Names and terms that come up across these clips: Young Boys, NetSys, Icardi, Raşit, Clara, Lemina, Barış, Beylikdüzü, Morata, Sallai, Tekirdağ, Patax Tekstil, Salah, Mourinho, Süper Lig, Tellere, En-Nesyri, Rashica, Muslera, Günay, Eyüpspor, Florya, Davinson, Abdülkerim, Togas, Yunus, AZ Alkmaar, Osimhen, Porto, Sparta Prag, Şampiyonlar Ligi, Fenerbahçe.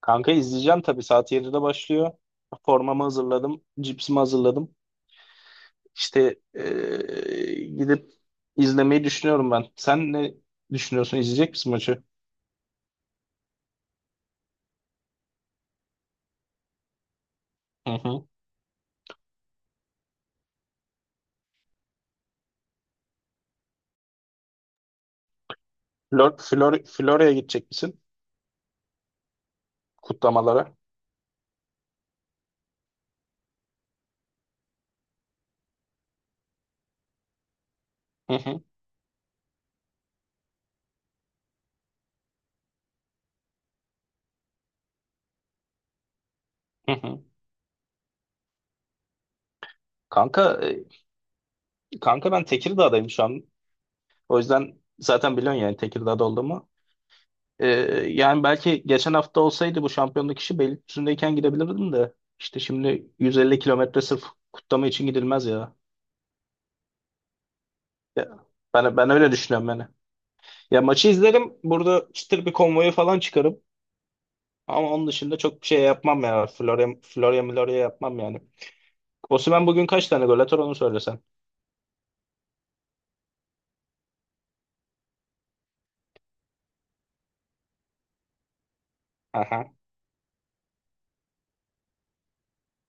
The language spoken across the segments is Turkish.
Kanka izleyeceğim tabii. Saat 7'de başlıyor. Formamı hazırladım. Cipsimi hazırladım. İşte gidip izlemeyi düşünüyorum ben. Sen ne düşünüyorsun? İzleyecek misin maçı? Hı hı. Florya'ya gidecek misin? Kutlamalara. Hı hı. Hı hı. Kanka, kanka, ben Tekirdağ'dayım şu an. O yüzden zaten biliyorsun yani Tekirdağ'da olduğumu. Ee, Yani belki geçen hafta olsaydı bu şampiyonluk işi Beylikdüzü'ndeyken gidebilirdim de. İşte şimdi 150 kilometre sırf kutlama için gidilmez ya. Ya, ben öyle düşünüyorum yani. Ya maçı izlerim. Burada çıtır bir konvoyu falan çıkarım. Ama onun dışında çok bir şey yapmam ya. Florya Florya Milorya yapmam yani. Osimhen bugün kaç tane gol atar onu söylesen. Aha.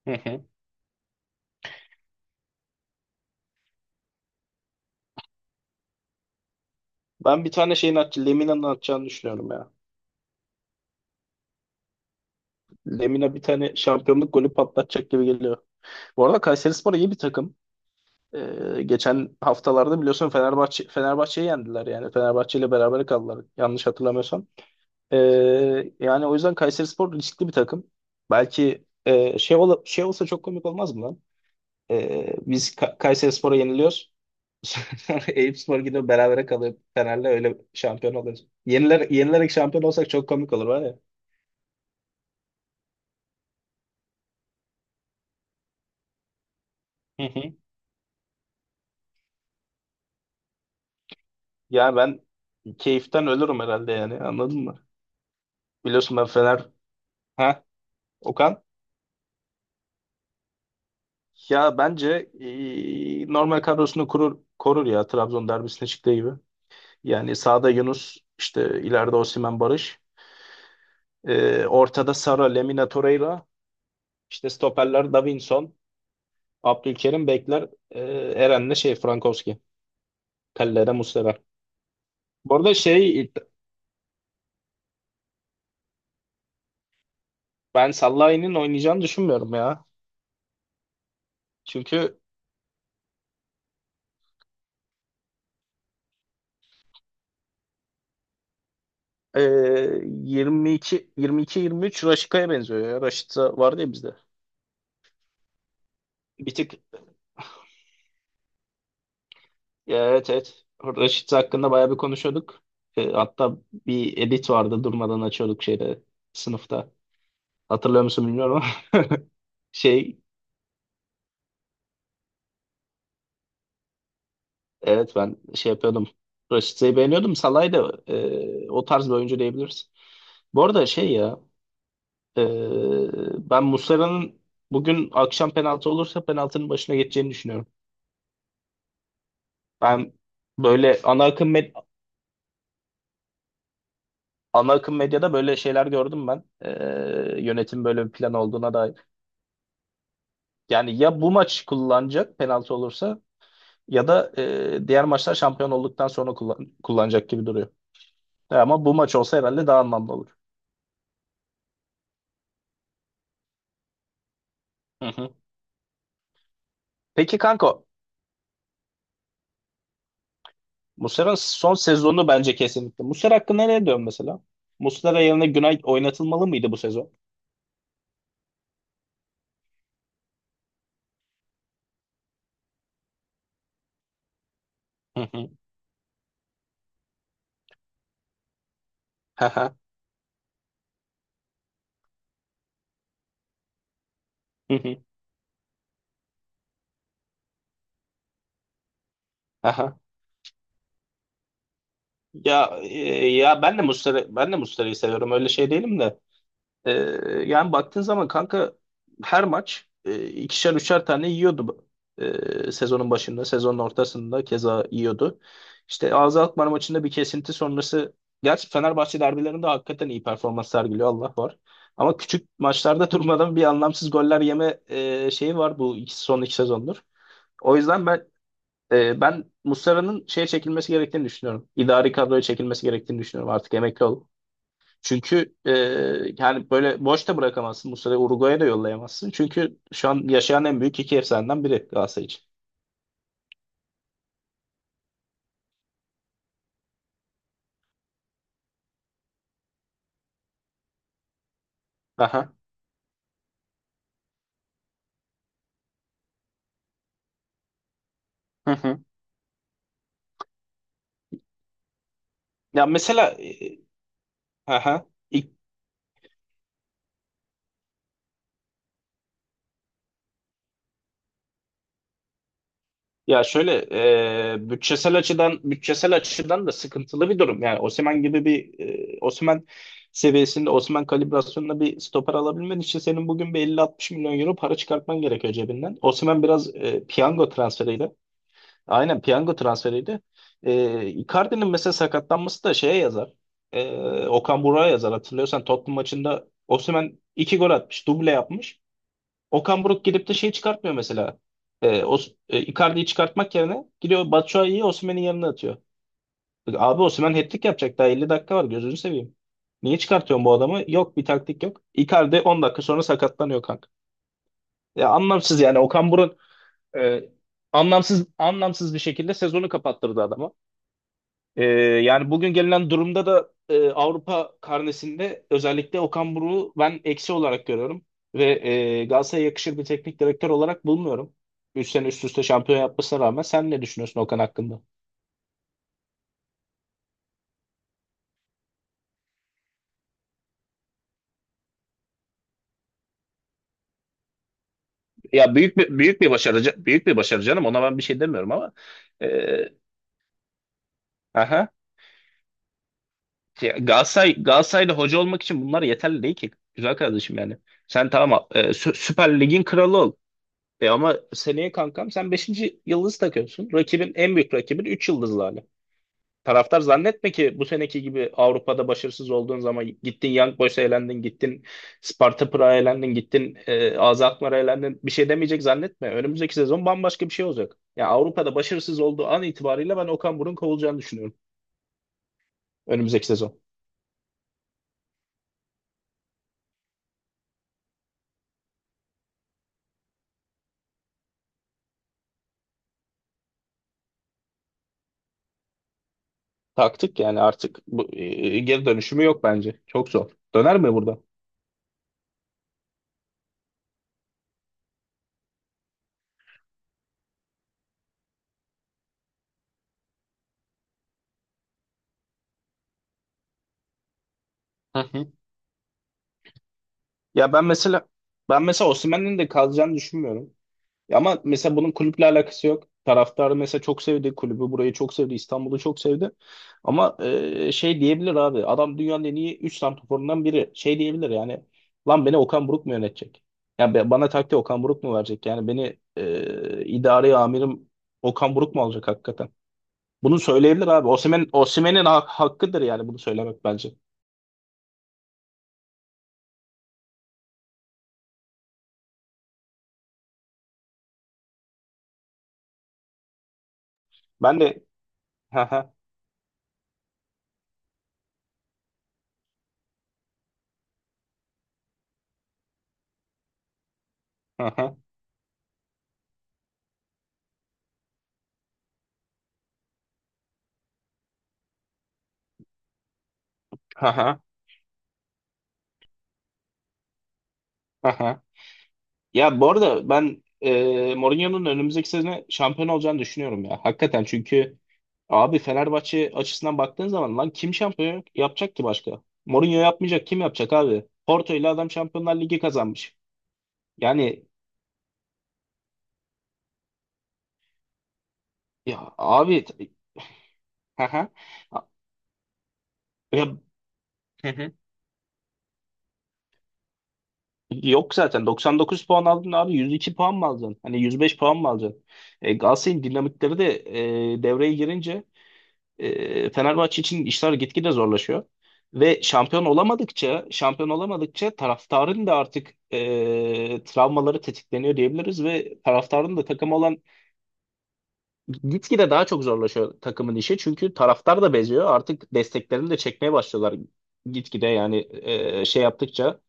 Hı hı. Ben bir tane şeyin at Lemina'nın atacağını düşünüyorum ya. Lemina bir tane şampiyonluk golü patlatacak gibi geliyor. Bu arada Kayserispor iyi bir takım. Geçen haftalarda biliyorsun Fenerbahçe'yi yendiler yani. Fenerbahçe ile beraber kaldılar yanlış hatırlamıyorsam. Ee, Yani o yüzden Kayserispor riskli bir takım. Belki şey olsa çok komik olmaz mı lan? Biz Kayserispor'a yeniliyoruz. Sonra Eyüpspor gidiyor berabere kalıyor Fener'le öyle şampiyon oluyoruz. Yenilerek şampiyon olsak çok komik olur var ya. Hı hı. Yani ben keyiften ölürüm herhalde yani anladın mı? Biliyorsun ben Fener. Ha Okan? Ya bence normal kadrosunu kurur, korur ya Trabzon derbisine çıktığı gibi. Yani sağda Yunus işte ileride Osimhen Barış. Ortada Sara, Lemina Torreira, işte stoperler Davinson, Abdülkerim bekler, Eren'le şey Frankowski, Tellere Muslera. Bu arada şey ben Sallai'nin oynayacağını düşünmüyorum ya. Çünkü e, 22 22 23 Raşit'e benziyor ya. Raşit vardı ya bizde. Bir tık, evet, evet. Raşit hakkında bayağı bir konuşuyorduk. Hatta bir edit vardı durmadan açıyorduk şeyde sınıfta. Hatırlıyor musun bilmiyorum ama şey evet, ben şey yapıyordum. Rashica'yı beğeniyordum. Salah'ı da o tarz bir oyuncu diyebiliriz. Bu arada şey ya e, ben Muslera'nın bugün akşam penaltı olursa penaltının başına geçeceğini düşünüyorum. Ben böyle ana akım medyada böyle şeyler gördüm ben. Yönetim böyle bir plan olduğuna dair. Yani ya bu maç kullanacak penaltı olursa ya da diğer maçlar şampiyon olduktan sonra kullanacak gibi duruyor. Ama bu maç olsa herhalde daha anlamlı olur. Hı hı. Peki kanko, Muslera'nın son sezonu bence kesinlikle. Muslera hakkında ne diyorsun mesela? Muslera yerine Günay oynatılmalı mıydı bu sezon? Hı hı. Haha. Hı hı. Aha. Ya e, ya ben de Muslera'yı seviyorum. Öyle şey değilim de. Ee, Yani baktığın zaman kanka, her maç ikişer üçer tane yiyordu. Sezonun başında, sezonun ortasında keza yiyordu. İşte AZ Alkmaar maçında bir kesinti sonrası, gerçi Fenerbahçe derbilerinde hakikaten iyi performans sergiliyor Allah var. Ama küçük maçlarda durmadan bir anlamsız goller yeme şeyi var, son iki sezondur. O yüzden ben Muslera'nın şeye çekilmesi gerektiğini düşünüyorum. İdari kadroya çekilmesi gerektiğini düşünüyorum. Artık emekli ol. Çünkü yani böyle boş da bırakamazsın. Bu sene Uruguay'a da yollayamazsın. Çünkü şu an yaşayan en büyük iki efsaneden biri Galatasaray için. Aha. Hı hı. Ya mesela aha. Ya şöyle, bütçesel açıdan da sıkıntılı bir durum. Yani Osimhen gibi bir Osimhen seviyesinde, Osimhen kalibrasyonunda bir stoper alabilmen için senin bugün bir 50-60 milyon euro para çıkartman gerekiyor cebinden. Osimhen biraz piyango transferiyle. Aynen, piyango transferiydi. Icardi'nin mesela sakatlanması da şeye yazar. Okan Buruk'a yazar. Hatırlıyorsan Tottenham maçında Osimhen iki gol atmış. Duble yapmış. Okan Buruk gidip de şey çıkartmıyor mesela. Icardi'yi çıkartmak yerine gidiyor Batshuayi'yi Osimhen'in yanına atıyor. Abi Osimhen hat-trick yapacak daha 50 dakika var, gözünü seveyim. Niye çıkartıyorsun bu adamı? Yok bir taktik yok. Icardi 10 dakika sonra sakatlanıyor kanka. Ya anlamsız yani, Okan Buruk e, anlamsız anlamsız bir şekilde sezonu kapattırdı adama. Ee, Yani bugün gelinen durumda da Avrupa karnesinde özellikle Okan Buruk'u ben eksi olarak görüyorum. Ve Galatasaray'a yakışır bir teknik direktör olarak bulmuyorum. 3 sene üst üste şampiyon yapmasına rağmen sen ne düşünüyorsun Okan hakkında? Ya büyük bir başarı canım, ona ben bir şey demiyorum ama e, aha. Ya Galatasaray'da hoca olmak için bunlar yeterli değil ki güzel kardeşim yani. Sen tamam, Süper Lig'in kralı ol. Ama seneye kankam sen beşinci yıldız takıyorsun. En büyük rakibin 3 yıldızlı hali. Taraftar zannetme ki bu seneki gibi Avrupa'da başarısız olduğun zaman gittin Young Boys'a elendin, gittin Sparta Prag'a elendin, gittin AZ Alkmaar'a elendin. Bir şey demeyecek zannetme. Önümüzdeki sezon bambaşka bir şey olacak. Yani Avrupa'da başarısız olduğu an itibariyle ben Okan Buruk'un kovulacağını düşünüyorum. Önümüzdeki sezon. Taktık yani, artık bu, geri dönüşümü yok bence. Çok zor. Döner mi burada? Hı hı. Ya ben mesela Osimhen'in de kalacağını düşünmüyorum. Ya ama mesela bunun kulüple alakası yok. Taraftarı mesela çok sevdi kulübü, burayı çok sevdi, İstanbul'u çok sevdi. Ama şey diyebilir abi, adam dünyanın en iyi 3 santraforundan biri. Şey diyebilir yani, lan beni Okan Buruk mu yönetecek? Yani bana taktiği Okan Buruk mu verecek? Yani beni idari amirim Okan Buruk mu alacak hakikaten? Bunu söyleyebilir abi. Osimhen'in hakkıdır yani bunu söylemek bence. Ben de. Ha ha ha ha ha ha. Ya bu arada ben Mourinho'nun önümüzdeki sene şampiyon olacağını düşünüyorum ya. Hakikaten, çünkü abi Fenerbahçe açısından baktığın zaman lan kim şampiyon yapacak ki başka? Mourinho yapmayacak kim yapacak abi? Porto ile adam Şampiyonlar Ligi kazanmış. Yani ya abi haha. Ya, hı hı. Yok zaten 99 puan aldın abi, 102 puan mı alacaksın? Hani 105 puan mı alacaksın? Galatasaray'ın dinamikleri de devreye girince Fenerbahçe için işler gitgide zorlaşıyor. Ve şampiyon olamadıkça, şampiyon olamadıkça taraftarın da artık travmaları tetikleniyor diyebiliriz ve taraftarın da takım olan gitgide daha çok zorlaşıyor takımın işi. Çünkü taraftar da beziyor. Artık desteklerini de çekmeye başlıyorlar gitgide yani şey yaptıkça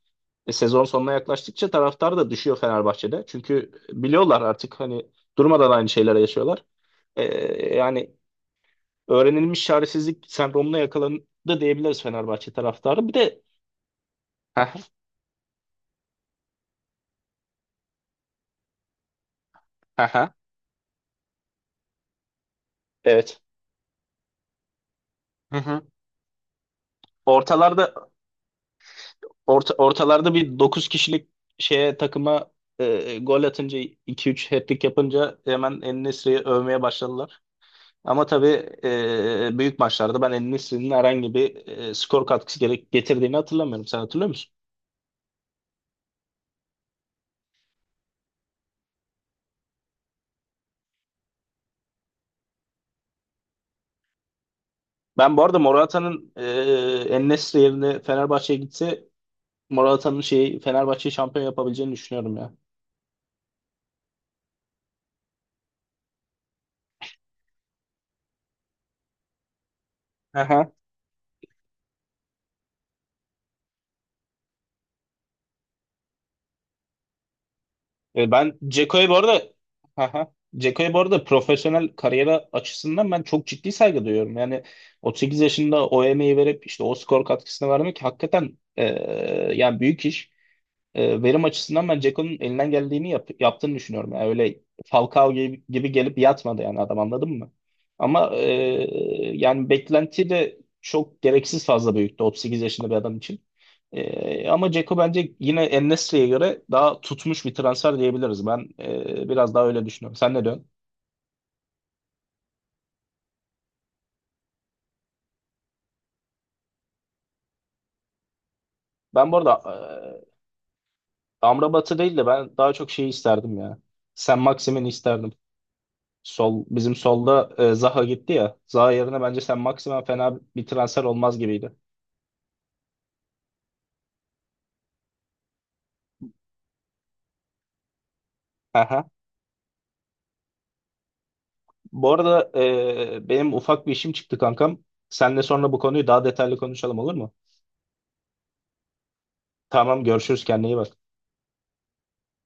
sezon sonuna yaklaştıkça taraftar da düşüyor Fenerbahçe'de. Çünkü biliyorlar artık, hani durmadan aynı şeylere yaşıyorlar. E, Yani öğrenilmiş çaresizlik sendromuna yakalandı diyebiliriz Fenerbahçe taraftarı. Bir de. Hı hı. Hı hı. Evet. Hı hı. Ortalarda ortalarda bir 9 kişilik şeye takıma gol atınca iki üç hat-trick yapınca hemen En-Nesyri'yi övmeye başladılar. Ama tabii büyük maçlarda ben En-Nesyri'nin herhangi bir skor katkısı gerek getirdiğini hatırlamıyorum. Sen hatırlıyor musun? Ben bu arada Morata'nın En-Nesyri yerine Fenerbahçe'ye gitse Morata'nın şeyi Fenerbahçe'yi şampiyon yapabileceğini düşünüyorum ya. Aha. Ben Ceko'ya bu arada, aha. Ceko'ya bu arada profesyonel kariyeri açısından ben çok ciddi saygı duyuyorum. Yani 38 yaşında o emeği verip işte o skor katkısını vermek hakikaten yani büyük iş. Verim açısından ben Ceko'nun elinden geldiğini yaptığını düşünüyorum. Yani öyle Falcao gibi gelip yatmadı yani adam anladın mı? Ama yani beklenti de çok gereksiz fazla büyüktü 38 yaşında bir adam için. Ama Ceko bence yine en göre daha tutmuş bir transfer diyebiliriz. Ben biraz daha öyle düşünüyorum. Sen ne diyorsun? Ben bu arada e, Amrabat'ı değil de ben daha çok şeyi isterdim ya. Sen Maxim'ini isterdim. Bizim solda Zaha gitti ya. Zaha yerine bence sen maksimum fena bir transfer olmaz gibiydi. Aha. Bu arada benim ufak bir işim çıktı kankam. Seninle sonra bu konuyu daha detaylı konuşalım, olur mu? Tamam, görüşürüz, kendine iyi bak.